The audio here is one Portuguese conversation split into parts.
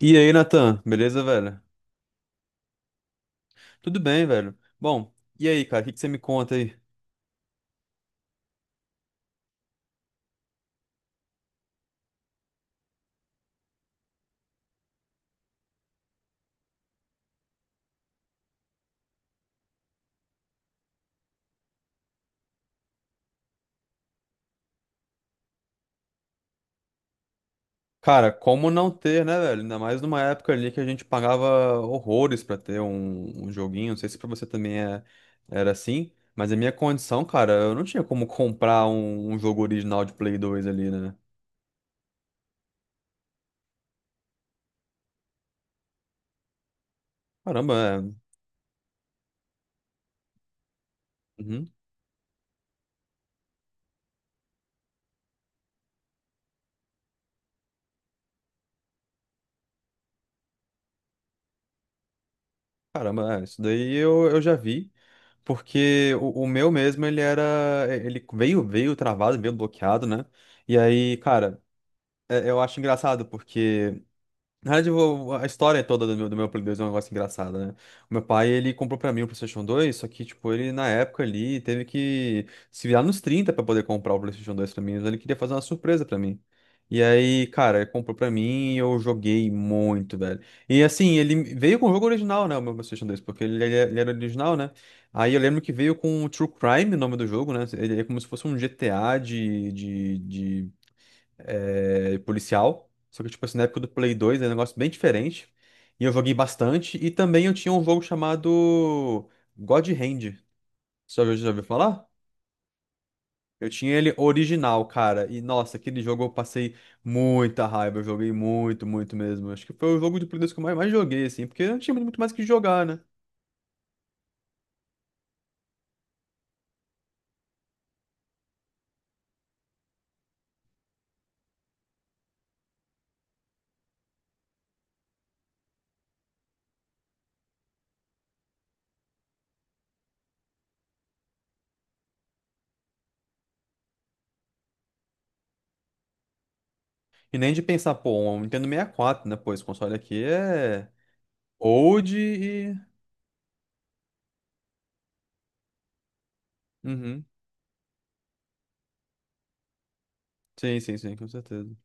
E aí, Natan, beleza, velho? Tudo bem, velho. Bom, e aí, cara, o que que você me conta aí? Cara, como não ter, né, velho? Ainda mais numa época ali que a gente pagava horrores pra ter um joguinho. Não sei se pra você também era assim, mas a minha condição, cara, eu não tinha como comprar um jogo original de Play 2 ali, né? Caramba, é. Uhum. Caramba, é. Isso daí eu já vi. Porque o meu mesmo, ele era. Ele veio travado, veio bloqueado, né? E aí, cara. É, eu acho engraçado porque, na verdade, a história toda do meu Play 2 é um negócio engraçado, né? O meu pai, ele comprou pra mim o PlayStation 2, só que, tipo, ele, na época ali, teve que se virar nos 30 pra poder comprar o PlayStation 2 pra mim, mas ele queria fazer uma surpresa pra mim. E aí, cara, ele comprou pra mim e eu joguei muito, velho. E assim, ele veio com o jogo original, né? O meu PlayStation 2, porque ele era original, né? Aí eu lembro que veio com o True Crime, o nome do jogo, né? Ele é como se fosse um GTA de policial. Só que, tipo assim, na época do Play 2 era um negócio bem diferente. E eu joguei bastante. E também eu tinha um jogo chamado God Hand. Você já ouviu falar? Eu tinha ele original, cara. E nossa, aquele jogo eu passei muita raiva. Eu joguei muito, muito mesmo. Acho que foi o jogo de Play 2 que eu mais joguei, assim, porque não tinha muito mais o que jogar, né? E nem de pensar, pô, um Nintendo 64, né? Pô, esse console aqui é old e. Uhum. Sim, sim, sim, com certeza.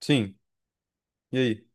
Sim. E aí?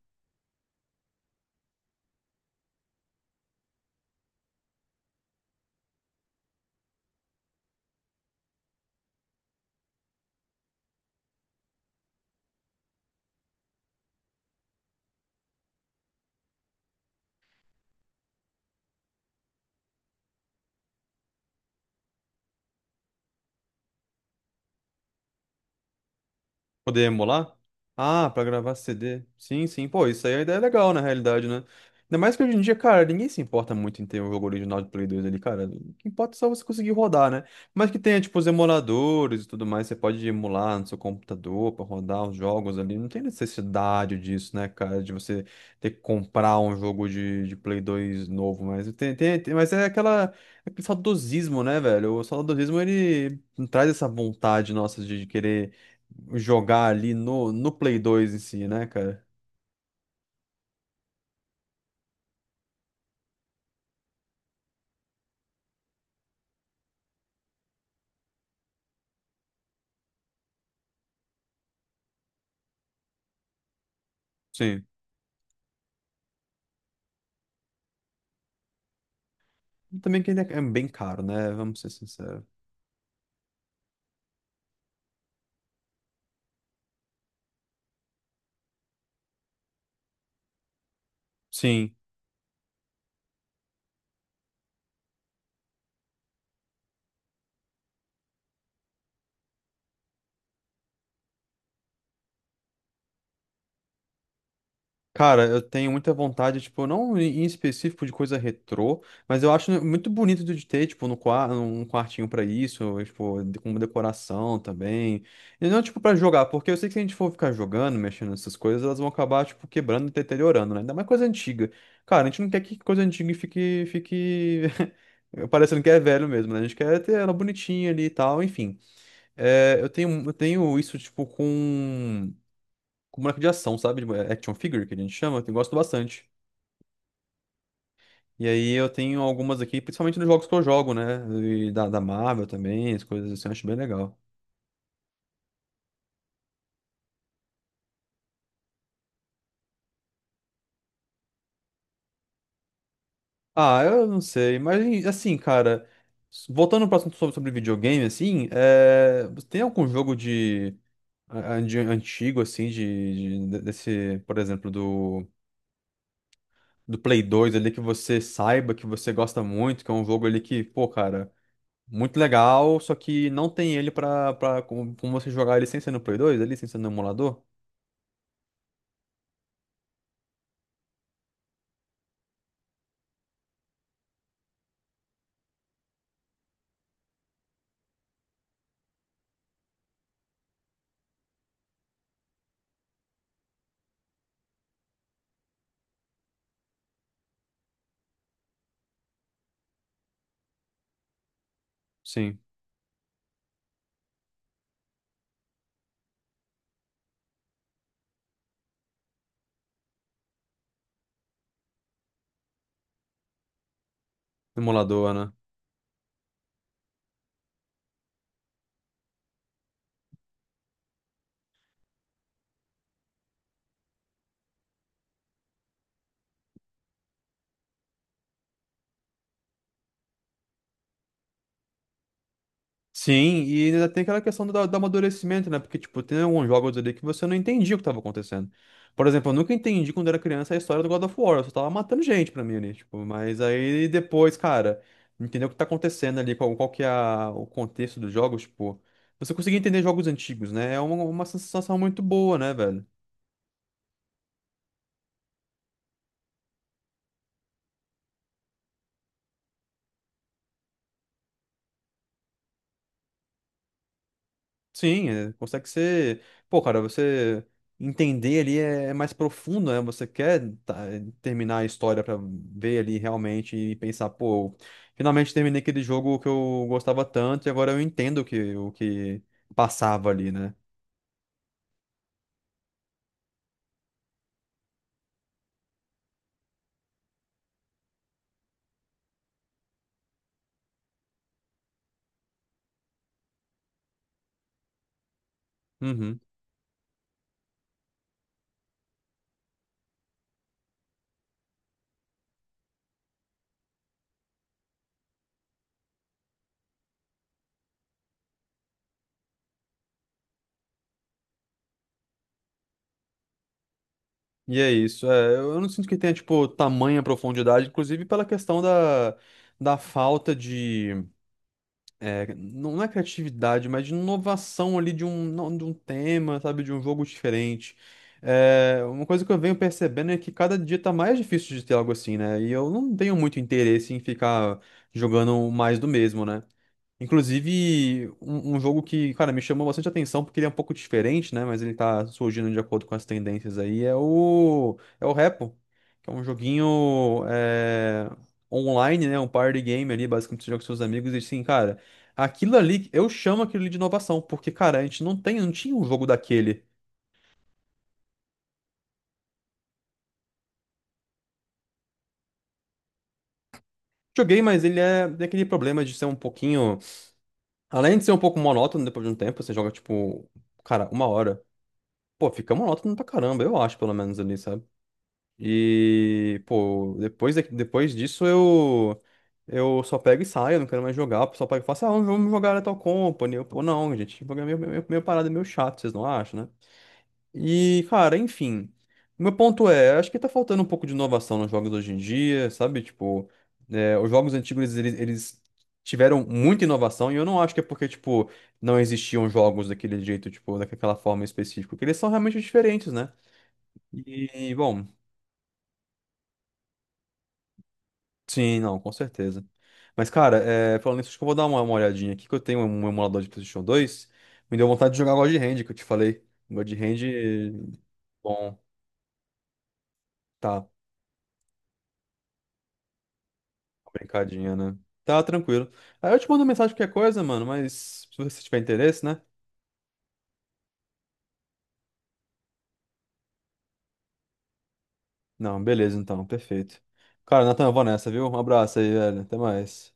Poder emular? Ah, pra gravar CD. Sim, sim. Pô, isso aí a ideia é legal, na realidade, né? Ainda mais que hoje em dia, cara, ninguém se importa muito em ter um jogo original de Play 2 ali, cara. O que importa é só você conseguir rodar, né? Mas que tenha, tipo, os emuladores e tudo mais, você pode emular no seu computador pra rodar os jogos ali. Não tem necessidade disso, né, cara, de você ter que comprar um jogo de Play 2 novo. Mas, mas é aquele saudosismo, né, velho? O saudosismo, ele traz essa vontade nossa de querer jogar ali no Play 2 em si, né, cara? Sim. E também que ele é bem caro, né? Vamos ser sinceros. Sim, cara, eu tenho muita vontade, tipo, não em específico de coisa retrô, mas eu acho muito bonito de ter, tipo, no quarto um quartinho pra isso, tipo, com decoração também. E não, tipo, pra jogar, porque eu sei que se a gente for ficar jogando, mexendo nessas coisas, elas vão acabar, tipo, quebrando e deteriorando, né? Ainda mais coisa antiga. Cara, a gente não quer que coisa antiga fique... parecendo que é velho mesmo, né? A gente quer ter ela bonitinha ali e tal, enfim. É, eu tenho isso, tipo, com boneco de ação, sabe? De action figure, que a gente chama, que eu gosto bastante. E aí eu tenho algumas aqui, principalmente nos jogos que eu jogo, né? E da Marvel também, as coisas assim, eu acho bem legal. Ah, eu não sei, mas assim, cara, voltando para assunto sobre videogame, assim, você tem algum jogo de antigo, assim, desse, por exemplo, do Play 2 ali que você saiba, que você gosta muito, que é um jogo ali que, pô, cara. Muito legal, só que não tem ele pra como você jogar ele sem ser no Play 2, ele sem ser no emulador? Sim, no emulador, né? Sim, e ainda tem aquela questão do amadurecimento, né? Porque, tipo, tem alguns jogos ali que você não entendia o que tava acontecendo. Por exemplo, eu nunca entendi quando era criança a história do God of War, eu só tava matando gente pra mim ali, tipo, mas aí depois, cara, entendeu o que tá acontecendo ali, qual que é o contexto dos jogos, tipo, você conseguir entender jogos antigos, né? É uma sensação muito boa, né, velho? Sim, consegue ser. Pô, cara, você entender ali é mais profundo, né? Você quer tá, terminar a história pra ver ali realmente e pensar, pô, finalmente terminei aquele jogo que eu gostava tanto e agora eu entendo o que passava ali, né? Uhum. E é isso. É, eu não sinto que tenha, tipo, tamanha profundidade, inclusive pela questão da falta de. Não é criatividade, mas de inovação ali de um, não- de um tema, sabe, de um jogo diferente. É, uma coisa que eu venho percebendo é que cada dia tá mais difícil de ter algo assim, né? E eu não tenho muito interesse em ficar jogando mais do mesmo, né? Inclusive, um jogo que, cara, me chamou bastante atenção porque ele é um pouco diferente, né? Mas ele tá surgindo de acordo com as tendências aí. É o, Repo, que é um joguinho online, né? Um party game ali, basicamente você joga com seus amigos. E assim, cara, aquilo ali, eu chamo aquilo ali de inovação, porque, cara, a gente não tinha um jogo daquele. Joguei, mas ele tem aquele problema de ser um pouquinho. Além de ser um pouco monótono depois de um tempo, você joga, tipo, cara, uma hora. Pô, fica monótono pra caramba, eu acho, pelo menos ali, sabe? E, pô, depois, depois disso eu só pego e saio, eu não quero mais jogar. O pessoal pega e fala assim, ah, vamos jogar Lethal Company. Eu, pô, não, gente, jogar é meio parada, meio chato, vocês não acham, né? E, cara, enfim. O meu ponto é, acho que tá faltando um pouco de inovação nos jogos hoje em dia, sabe? Tipo, os jogos antigos, eles tiveram muita inovação e eu não acho que é porque, tipo, não existiam jogos daquele jeito, tipo, daquela forma específica, porque eles são realmente diferentes, né? E, bom... Sim, não, com certeza. Mas, cara, falando nisso, acho que eu vou dar uma olhadinha aqui, que eu tenho um emulador de PlayStation 2. Me deu vontade de jogar God Hand, que eu te falei. God Hand, bom, tá, uma brincadinha, né? Tá tranquilo. Aí eu te mando mensagem qualquer coisa, mano, mas se você tiver interesse, né? Não, beleza, então, perfeito. Cara, Nathan, eu vou nessa, viu? Um abraço aí, velho. Até mais.